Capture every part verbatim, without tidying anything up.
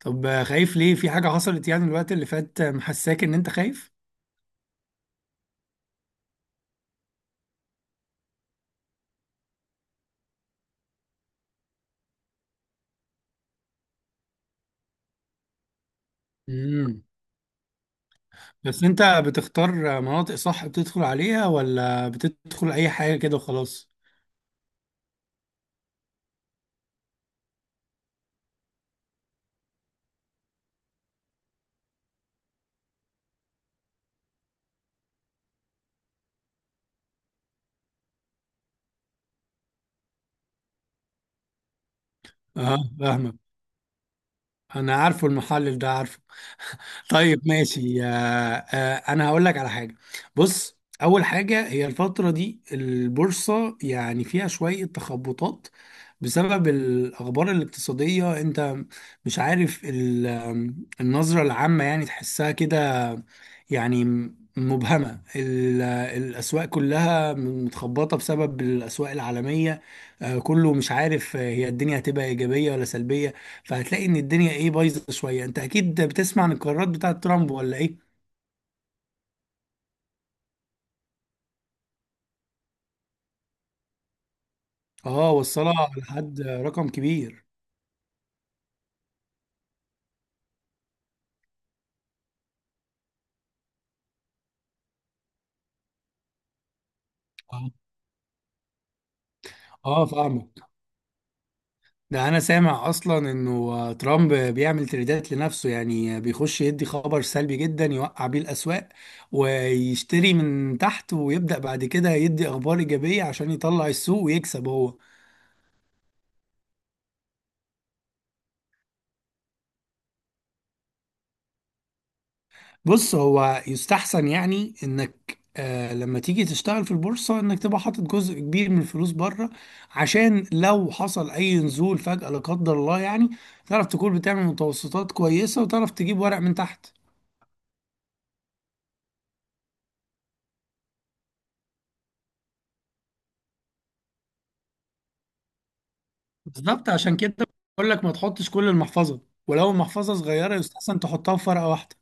طب آه، خايف ليه؟ في حاجة حصلت يعني الوقت اللي فات؟ آه، محساك ان انت خايف. امم بس انت بتختار آه، مناطق صح بتدخل عليها، ولا بتدخل اي حاجة كده وخلاص؟ اه فاهمك. انا عارفه المحلل ده، عارفه. طيب ماشي آه. آه، انا هقول لك على حاجة. بص، اول حاجة هي الفترة دي البورصة يعني فيها شوية تخبطات بسبب الاخبار الاقتصادية. انت مش عارف ال- آم، النظرة العامة يعني، تحسها كده يعني م- مبهمة. ال- الأسواق كلها متخبطة بسبب الأسواق العالمية. آه، كله مش عارف آه، هي الدنيا هتبقى إيجابية ولا سلبية. فهتلاقي إن الدنيا إيه، بايظة شوية. أنت أكيد بتسمع عن القرارات بتاعة ترامب ولا إيه؟ آه، وصلها لحد رقم كبير. آه. آه فاهمك. ده انا سامع اصلا انه ترامب بيعمل تريدات لنفسه، يعني بيخش يدي خبر سلبي جدا يوقع بيه الاسواق ويشتري من تحت، ويبدأ بعد كده يدي اخبار ايجابية عشان يطلع السوق ويكسب هو. بص، هو يستحسن يعني انك آه، لما تيجي تشتغل في البورصة انك تبقى حاطط جزء كبير من الفلوس بره، عشان لو حصل اي نزول فجأة لا قدر الله، يعني تعرف تكون بتعمل متوسطات كويسة وتعرف تجيب ورق من تحت. بالظبط، عشان كده بقول لك ما تحطش كل المحفظه، ولو المحفظه صغيره يستحسن تحطها في ورقه واحده.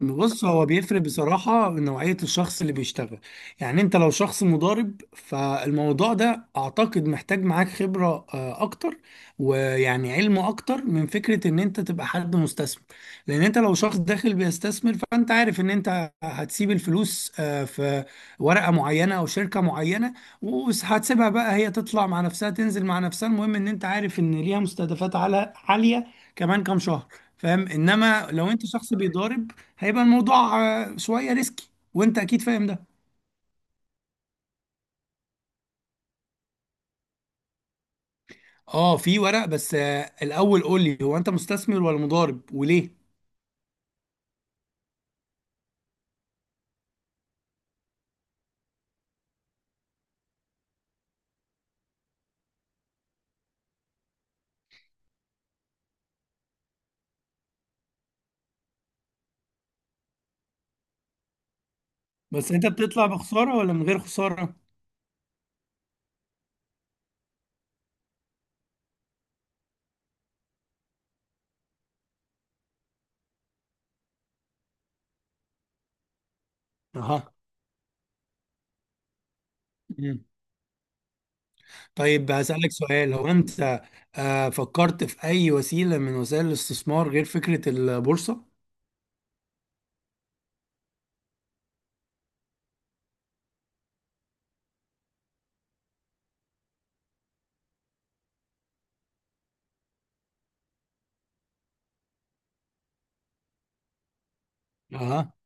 بص، هو بيفرق بصراحة من نوعية الشخص اللي بيشتغل. يعني انت لو شخص مضارب، فالموضوع ده اعتقد محتاج معاك خبرة آه، اكتر، ويعني علم اكتر من فكرة ان انت تبقى حد مستثمر. لان انت لو شخص داخل بيستثمر، فانت عارف ان انت هتسيب الفلوس آه، في ورقة معينة او شركة معينة، وهتسيبها بقى هي تطلع مع نفسها تنزل مع نفسها، المهم ان انت عارف ان ليها مستهدفات عالية عالية كمان كام شهر. فاهم؟ انما لو انت شخص بيضارب، هيبقى الموضوع آه، شوية ريسكي وانت اكيد فاهم ده. اه في ورق، بس آه، الاول قول لي هو انت مستثمر ولا مضارب، وليه؟ بس انت بتطلع بخسارة ولا من غير خسارة؟ اها. مم. طيب هسألك سؤال، هو انت آه، فكرت في اي وسيلة من وسائل الاستثمار غير فكرة البورصة؟ اها.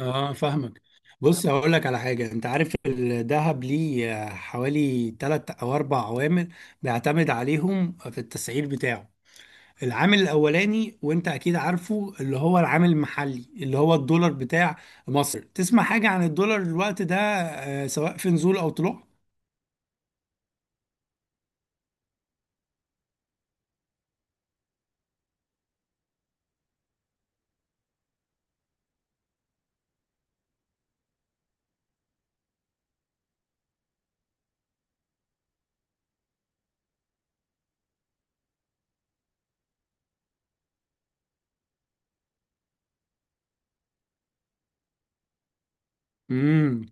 اه فاهمك. بص هقول لك على حاجه، انت عارف الذهب ليه حوالي تلات او اربع عوامل بيعتمد عليهم في التسعير بتاعه. العامل الاولاني وانت اكيد عارفه، اللي هو العامل المحلي، اللي هو الدولار بتاع مصر. تسمع حاجه عن الدولار الوقت ده آه، سواء في نزول او طلوع؟ امم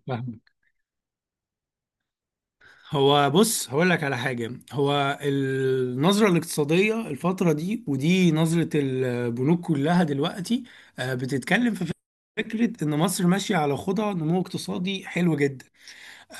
هو بص هقول لك على حاجة، هو النظرة الاقتصادية الفترة دي ودي نظرة البنوك كلها دلوقتي، آه، بتتكلم في فكرة إن مصر ماشية على خطى نمو اقتصادي حلو جدا.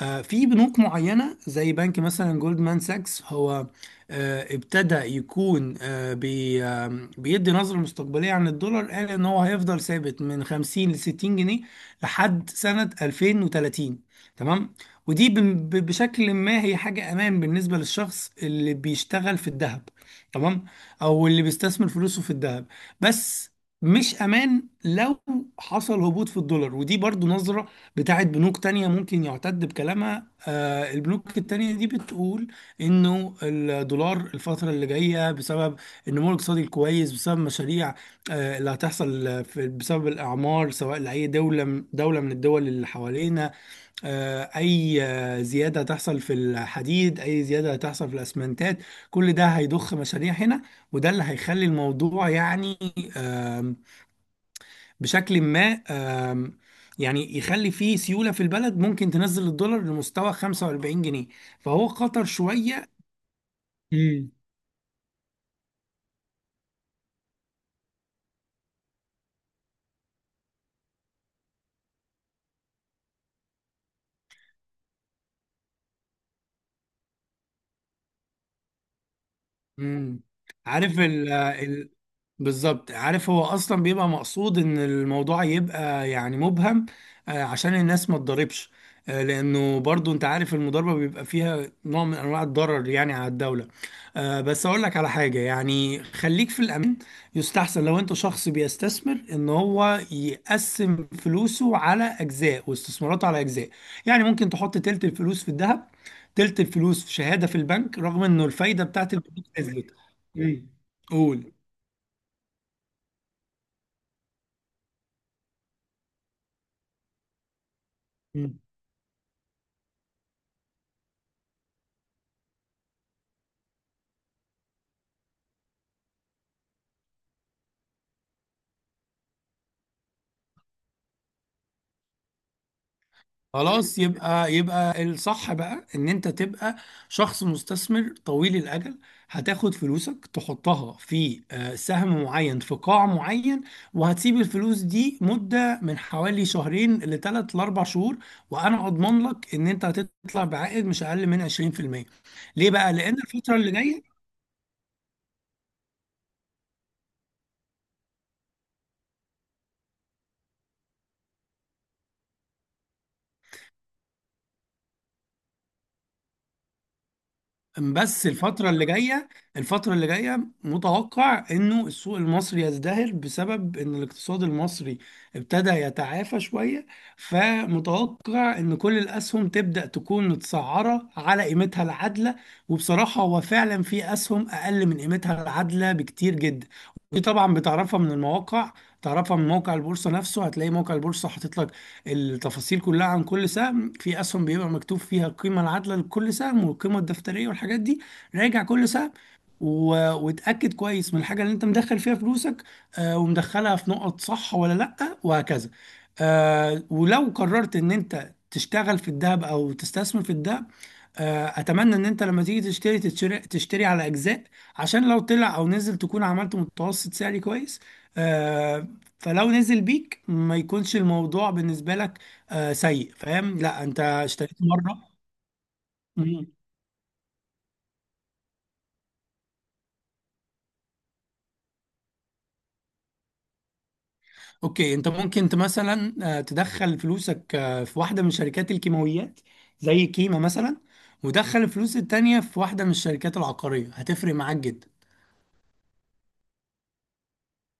آه، في بنوك معينة زي بنك مثلا جولدمان ساكس، هو آه، ابتدى يكون آه، بي آه، بيدي نظرة مستقبلية عن الدولار. قال ان هو هيفضل ثابت من خمسين ل ستين جنيه لحد سنة الفين وتلاتين. تمام؟ ودي بن- ب- بشكل ما هي حاجة امان بالنسبة للشخص اللي بيشتغل في الذهب، تمام؟ او اللي بيستثمر فلوسه في الذهب. بس مش امان لو حصل هبوط في الدولار، ودي برضو نظرة بتاعت بنوك تانية ممكن يعتد بكلامها. آه، البنوك التانية دي بتقول انه الدولار الفترة اللي جاية بسبب النمو الاقتصادي الكويس، بسبب مشاريع آه، اللي هتحصل آه، في- بسبب الأعمار سواء لأي دولة دولة من الدول اللي حوالينا، آه، أي آه، زيادة هتحصل في الحديد، أي زيادة هتحصل في الأسمنتات، كل ده هيضخ مشاريع هنا. وده اللي هيخلي الموضوع يعني بشكل ما آم، يعني يخلي فيه سيولة في البلد، ممكن تنزل الدولار لمستوى خمسة واربعين جنيه. فهو خطر شوية. مم. عارف ال ال بالظبط، عارف هو اصلا بيبقى مقصود ان الموضوع يبقى يعني مبهم، آه، عشان الناس ما تضربش. آه، لانه برضو انت عارف المضاربه بيبقى فيها نوع من انواع الضرر يعني على الدوله. آه، بس اقول لك على حاجه، يعني خليك في الامان. يستحسن لو انت شخص بيستثمر ان هو يقسم فلوسه على اجزاء واستثماراته على اجزاء. يعني ممكن تحط تلت الفلوس في الذهب، تلت الفلوس في شهاده في البنك رغم انه الفايده بتاعت نزلت. مم. قول. مم. خلاص، يبقى يبقى الصح بقى ان انت تبقى شخص مستثمر طويل الاجل. هتاخد فلوسك تحطها في آه، سهم معين في قاع معين، وهتسيب الفلوس دي مدة من حوالي شهرين لثلاث لاربع شهور، وانا اضمن لك ان انت هتطلع بعائد مش اقل من عشرين في المية. ليه بقى؟ لان الفترة اللي جاية، بس الفترة اللي جاية، الفترة اللي جاية متوقع انه السوق المصري يزدهر بسبب ان الاقتصاد المصري ابتدى يتعافى شوية. فمتوقع ان كل الاسهم تبدأ تكون متسعرة على قيمتها العادلة. وبصراحة هو فعلا في اسهم اقل من قيمتها العادلة بكتير جدا، ودي طبعا بتعرفها من المواقع. تعرفها من موقع البورصة نفسه، هتلاقي موقع البورصة حاطط لك التفاصيل كلها عن كل سهم. في اسهم بيبقى مكتوب فيها القيمه العادله لكل سهم والقيمه الدفتريه والحاجات دي. راجع كل سهم و... وتأكد كويس من الحاجة اللي انت مدخل فيها فلوسك، آه، ومدخلها في نقط صح ولا لأ، وهكذا. آه، ولو قررت ان انت تشتغل في الذهب او تستثمر في الذهب، آه اتمنى ان انت لما تيجي تشتري تشتري, تشتري على اجزاء، عشان لو طلع او نزل تكون عملت متوسط سعري كويس. آه، فلو نزل بيك ما يكونش الموضوع بالنسبة لك آه، سيء، فاهم؟ لا انت اشتريت مرة. مم. اوكي، انت ممكن انت مثلا آه، تدخل فلوسك آه، في واحدة من شركات الكيماويات زي كيما مثلا، ودخل الفلوس التانية في واحدة من الشركات العقارية، هتفرق معاك جدا.